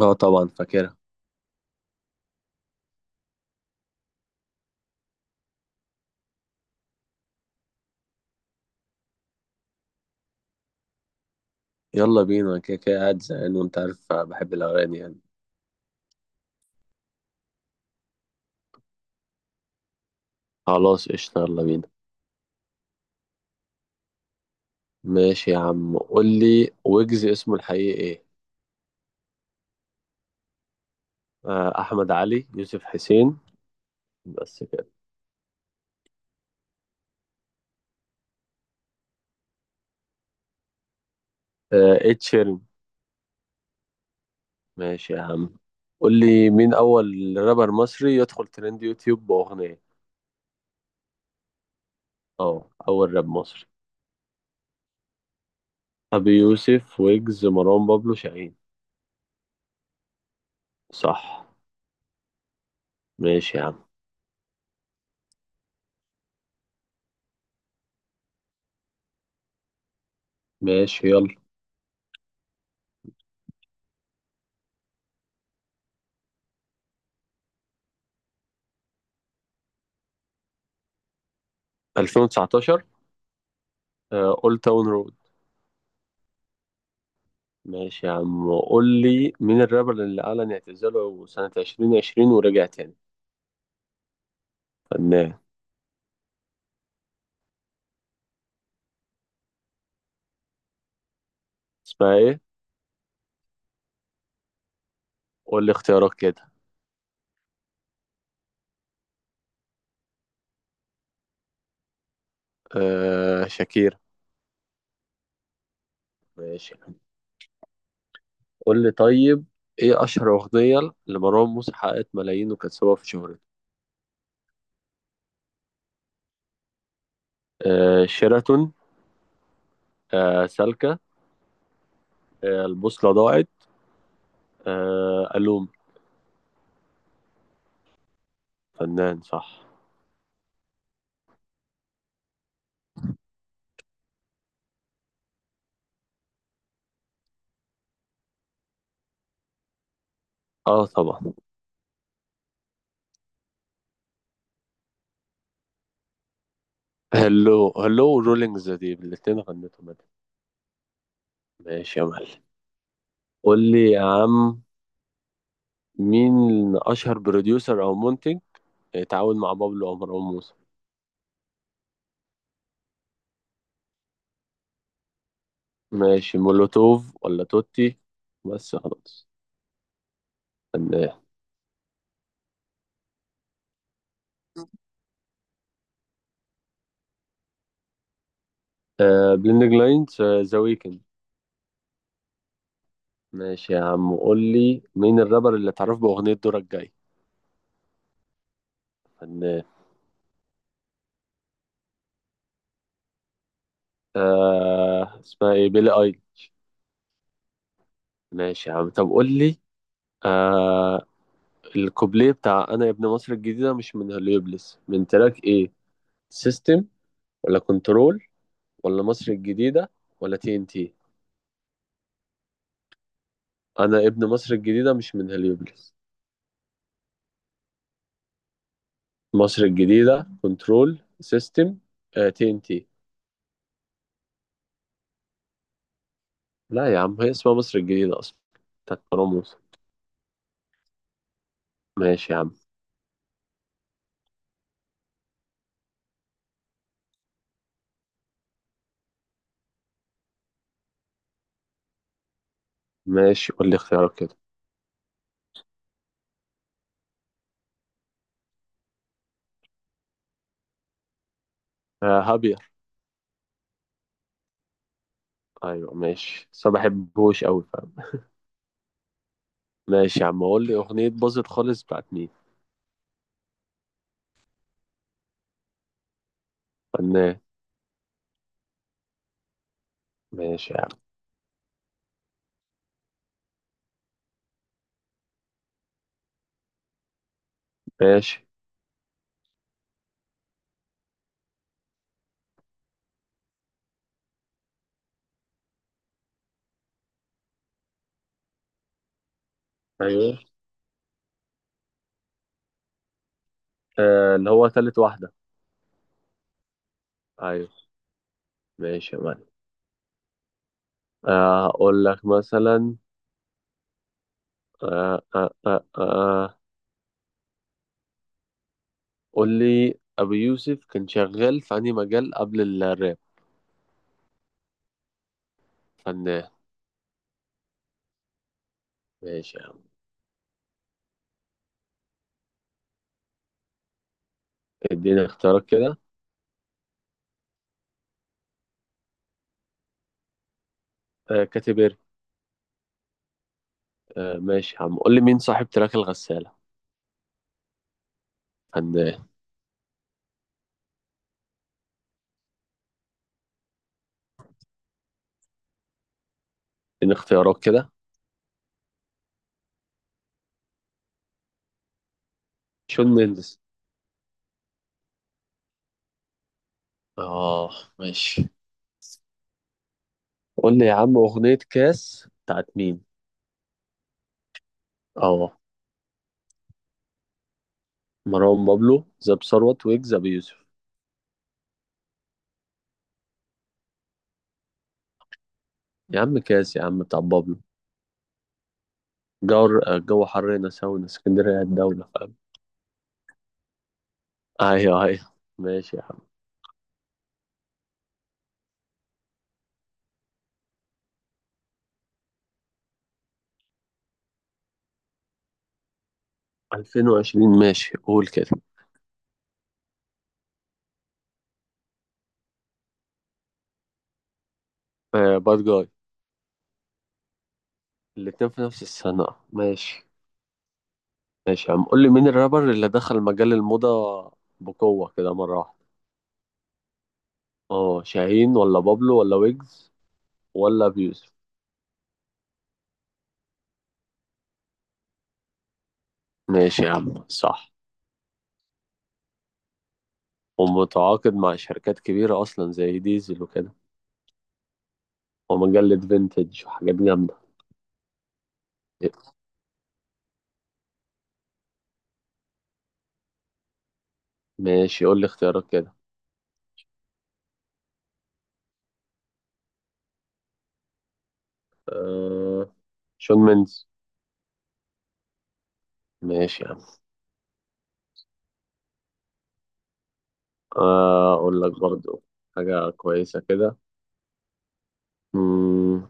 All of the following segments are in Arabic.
اه طبعا فاكرها. يلا بينا، أنا كده كده قاعد زهقان وانت عارف بحب الاغاني يعني. خلاص قشطة يلا بينا. ماشي يا عم، قول لي ويجز اسمه الحقيقي ايه؟ احمد علي يوسف حسين. بس كده. Ed sheeran. ماشي يا عم. قول لي مين اول رابر مصري يدخل ترند يوتيوب باغنية. اه اول راب مصري. ابي يوسف، ويجز، مروان بابلو، شاهين. صح. ماشي يا عم. ماشي يلا. 2019. اولد تاون رود. ماشي يا عم، قول لي مين الرابر اللي أعلن اعتزاله سنة 2020 ورجع تاني؟ فنان. اسمها ايه؟ قول لي اختيارات كده. شاكير. ماشي. قول لي طيب، ايه أشهر أغنية لمروان موسى حققت ملايين وكانت سبب في شهرته؟ شيراتون. سالكة. البوصلة ضاعت. ألوم. فنان صح. اه طبعا. هلو هلو ورولينج ذا ديب الاتنين غنتهم. ماشي يا معلم. قول لي يا عم، مين أشهر بروديوسر أو منتج اتعاون مع بابلو أو مروان موسى؟ ماشي، مولوتوف ولا توتي؟ بس خلاص. فنان. بليندنج لاينز، ذا ويكند. ماشي يا عم، قول لي مين الرابر اللي اتعرف بأغنية دورك جاي؟ فنان. آه اسمها ايه، بيلي ايل. ماشي يا عم، طب قول لي، آه الكوبليه بتاع انا يا ابن مصر الجديدة مش من هليوبلس من تراك ايه؟ سيستم، ولا كنترول، ولا مصر الجديدة، ولا تي ان تي؟ انا ابن مصر الجديده مش من هليوبلس. مصر الجديده، كنترول، سيستم، تي ان تي. لا يا عم هي اسمها مصر الجديده اصلا، بتاعت راموس. ماشي يا عم. ماشي، قول لي اختيارك كده. هابير. ايوه ماشي، بس ما بحبهوش قوي فاهم. ماشي يا عم، قول لي اغنيه باظت خالص بتاعت مين؟ فنان. ماشي يا عم. ماشي. ايوه. آه اللي هو تالت واحده. ايوه. ماشي يا معلم. اقول لك مثلا. آه آه آه آه. قول لي أبو يوسف كان شغال في أنهي مجال قبل الراب؟ فنان. ماشي يا عم. اديني اختيارات كده. كاتيبيري. آه ماشي يا عم، قول لي مين صاحب تراك الغسالة؟ فنان. اديني اختيارات كده. شون مينديز. اه ماشي. قول لي يا عم، أغنية كاس بتاعت مين؟ اه. مروان بابلو، زاب ثروت، ويجز، أبو يوسف. يا عم كاس يا عم بتاع بابلو. جو، جو حر هنا، ساونا اسكندرية الدولة فاهم. ايوه ايوه. ماشي يا عم. 2020 ماشي قول كده. باد جاي. الاتنين في نفس السنة. ماشي. ماشي يا عم، قول لي مين الرابر اللي دخل مجال الموضة بقوة كده مرة واحدة؟ اه شاهين، ولا بابلو، ولا ويجز، ولا بيوسف؟ ماشي يا عم صح. ومتعاقد مع شركات كبيرة أصلا زي ديزل وكده. ومجلة فينتج وحاجات جامدة. ماشي، قول لي اختيارات كده. آه شون مينز. ماشي يا عم. أقول لك برضو حاجة كويسة كده. مم،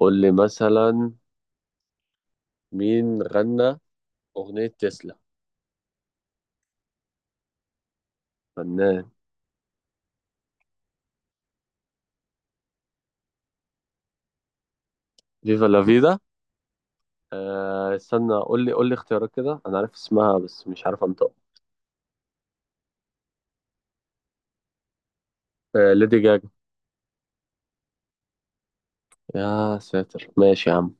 قول لي مثلا، مين غنى أغنية تسلا؟ فنان. فيفا لا فيدا. آه استنى، قول لي قول لي اختيارات كده، أنا عارف اسمها بس مش عارف أنطقها. ليدي جاجا. يا ساتر ماشي يا عم.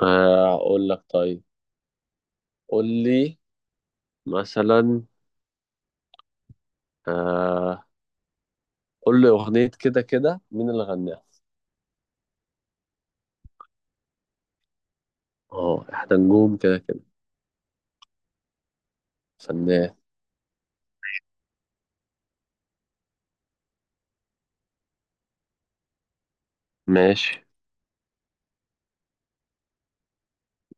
أقول لك طيب، قول لي مثلا، آه قول لي أغنية كده كده مين اللي غناها؟ اه احنا نجوم كده كده. فنان. ماشي.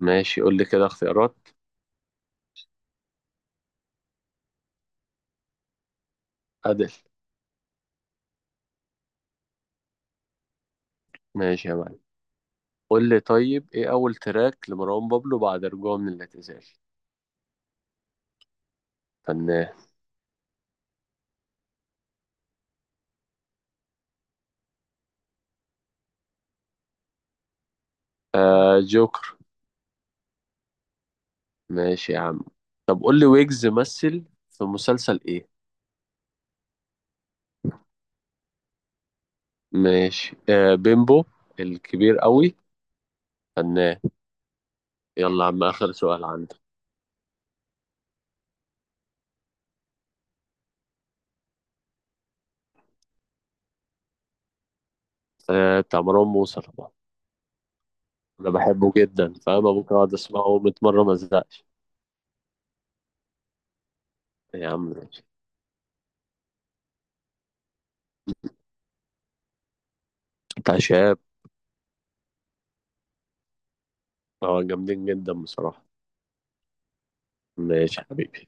ماشي قول لي كده اختيارات. أدل. ماشي يا معلم. قول لي طيب، ايه أول تراك لمروان بابلو بعد رجوعه من الاعتزال؟ فنان. آه جوكر. ماشي يا عم، طب قول لي ويجز مثل في مسلسل ايه؟ ماشي، آه بيمبو الكبير قوي. فنان. يلا يا عم اخر سؤال عندك. آه بتاع مروان موسى طبعا. انا بحبه جدا فاهم، ممكن اقعد اسمعه 100 مره ما ازهقش. يا عم ماشي. بتاع شاب. اه جامدين جدا بصراحه. ماشي يا حبيبي.